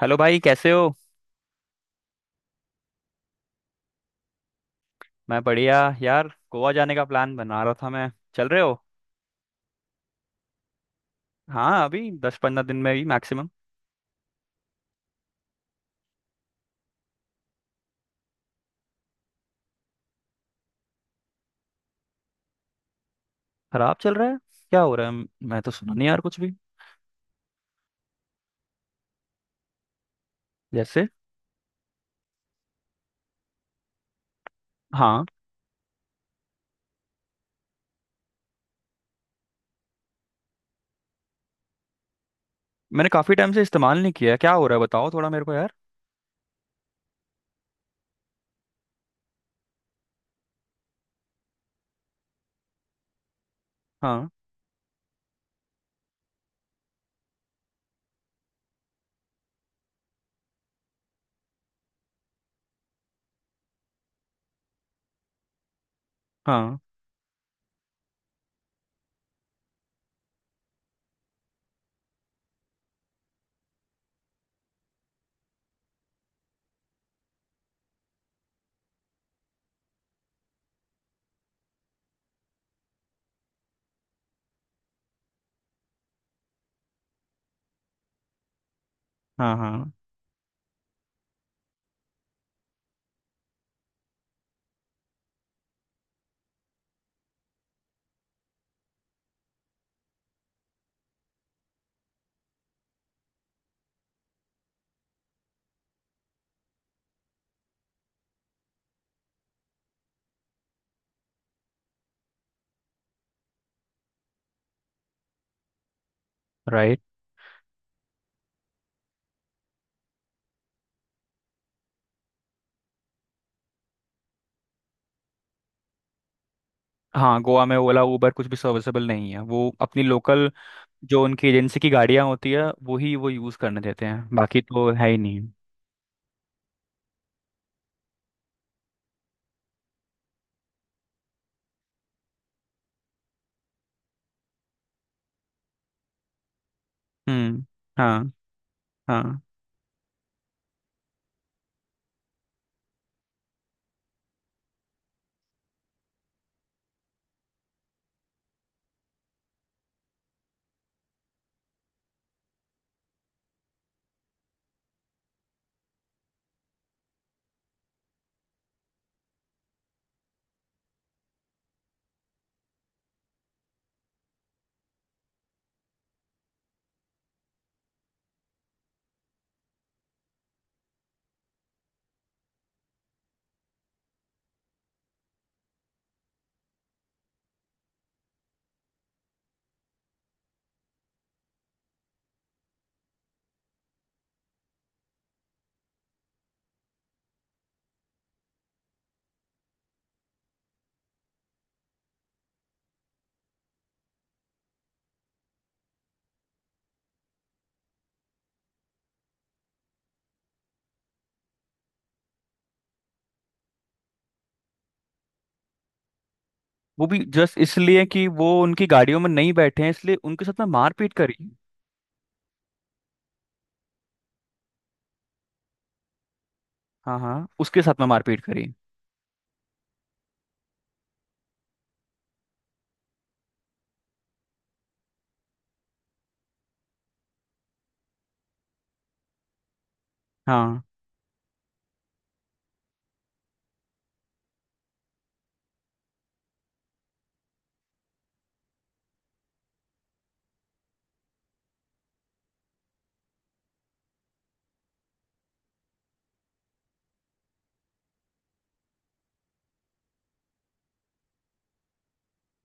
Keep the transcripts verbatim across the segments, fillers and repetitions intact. Hello भाई, कैसे हो। मैं बढ़िया। यार गोवा जाने का प्लान बना रहा था मैं। चल रहे हो। हाँ अभी दस पंद्रह दिन में ही मैक्सिमम। खराब चल रहा है। क्या हो रहा है, म- मैं तो सुना नहीं यार कुछ भी। जैसे। हाँ मैंने काफी टाइम से इस्तेमाल नहीं किया, क्या हो रहा है बताओ थोड़ा मेरे को यार। हाँ, हाँ, हाँ, हाँ। राइट। हाँ गोवा में ओला उबर कुछ भी सर्विसेबल नहीं है, वो अपनी लोकल, जो उनकी एजेंसी की गाड़ियाँ होती है वो ही वो यूज़ करने देते हैं, बाकी तो है ही नहीं। हम्म। हाँ हाँ वो भी जस्ट इसलिए कि वो उनकी गाड़ियों में नहीं बैठे हैं इसलिए उनके साथ में मारपीट करी। हाँ हाँ उसके साथ में मारपीट करी। हाँ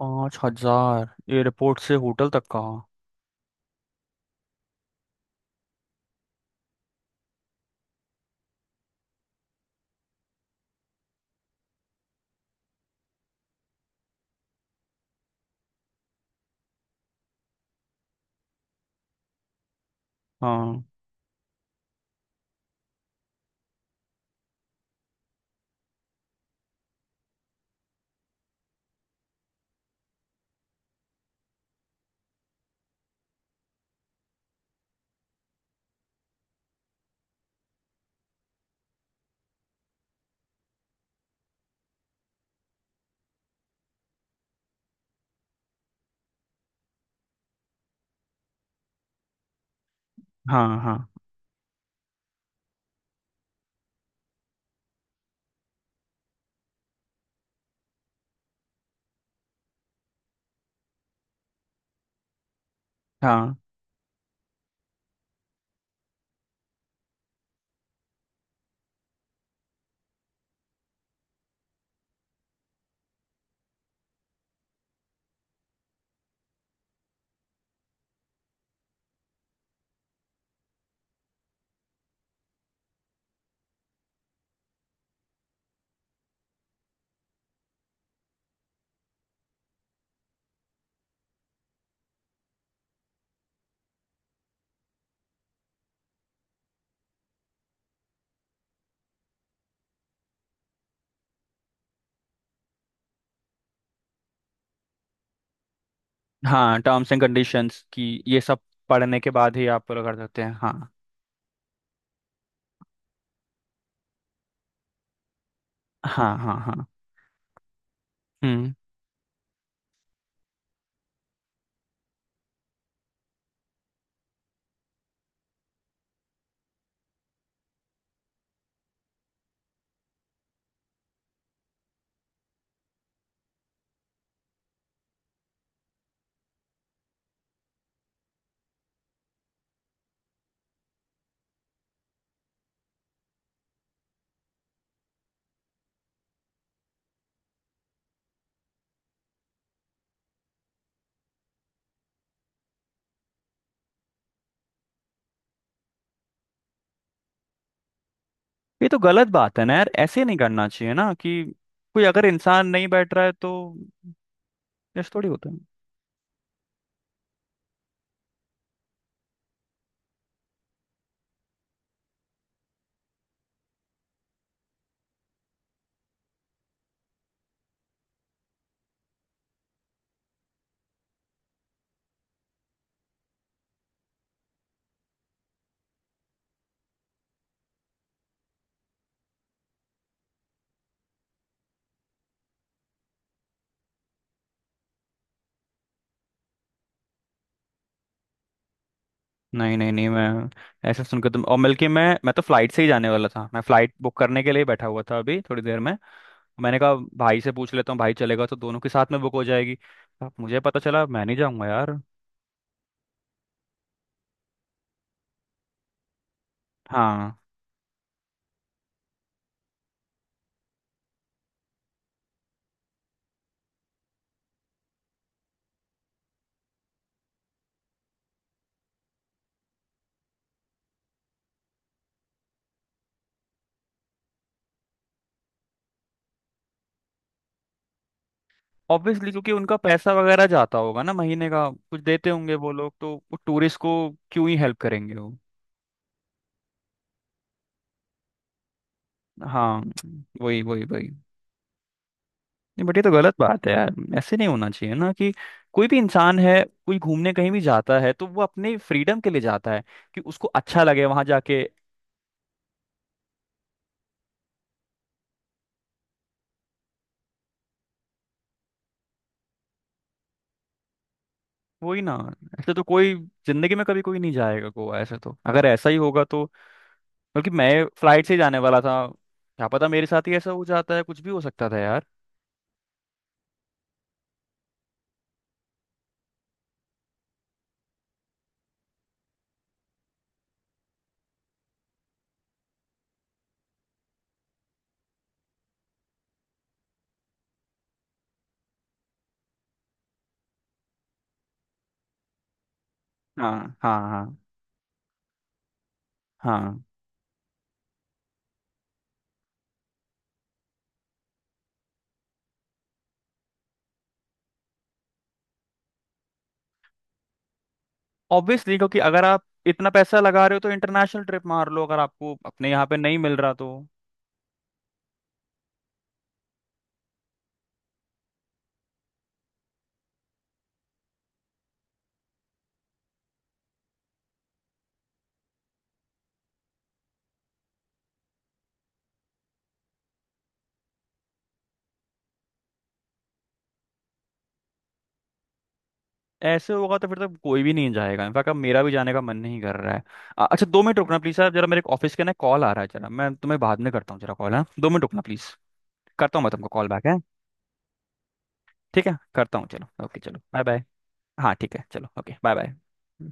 पाँच हजार एयरपोर्ट से होटल तक का। हाँ, हाँ, हाँ, हाँ, हाँ। टर्म्स एंड कंडीशंस की ये सब पढ़ने के बाद ही आप पूरा कर सकते हैं। हाँ, हाँ, हाँ, हाँ। हम्म। ये तो गलत बात है ना यार, ऐसे नहीं करना चाहिए ना कि कोई अगर इंसान नहीं बैठ रहा है तो। ऐसा थोड़ी होता। नहीं नहीं नहीं मैं ऐसे सुनकर तुम, और बल्कि मैं मैं तो फ्लाइट से ही जाने वाला था, मैं फ्लाइट बुक करने के लिए बैठा हुआ था अभी थोड़ी देर में। मैंने कहा भाई से पूछ लेता हूँ, भाई चलेगा तो दोनों के साथ में बुक हो जाएगी। अब मुझे पता चला, मैं नहीं जाऊंगा यार। हाँ। ऑब्वियसली, क्योंकि उनका पैसा वगैरह जाता होगा ना, महीने का कुछ देते होंगे वो लोग, तो वो टूरिस्ट को क्यों ही हेल्प करेंगे वो। हाँ। वही वही वही। नहीं बट ये तो गलत बात है यार, ऐसे नहीं होना चाहिए ना कि कोई भी इंसान है, कोई घूमने कहीं भी जाता है तो वो अपने फ्रीडम के लिए जाता है, कि उसको अच्छा लगे वहां जाके। वही ना। ऐसे तो कोई जिंदगी में कभी कोई नहीं जाएगा गोवा, ऐसे तो अगर ऐसा ही होगा तो। बल्कि मैं फ्लाइट से ही जाने वाला था, क्या पता मेरे साथ ही ऐसा हो जाता, है कुछ भी हो सकता था यार। हाँ, हाँ, हाँ, हाँ। ऑब्वियसली, क्योंकि अगर आप इतना पैसा लगा रहे हो तो इंटरनेशनल ट्रिप मार लो, अगर आपको अपने यहाँ पे नहीं मिल रहा तो। ऐसे होगा तो फिर तो कोई भी नहीं जाएगा, इनफैक्ट अब मेरा भी जाने का मन नहीं कर रहा है। अ- अच्छा दो मिनट रुकना प्लीज सर, जरा मेरे ऑफिस के ना कॉल आ रहा है, जरा मैं तुम्हें बाद में करता हूँ, जरा कॉल है, दो मिनट रुकना प्लीज। करता हूँ मैं तुमको कॉल बैक है। ठीक है, करता हूँ, चलो ओके, चलो बाय बाय। हाँ ठीक है, चलो ओके, बाय बाय।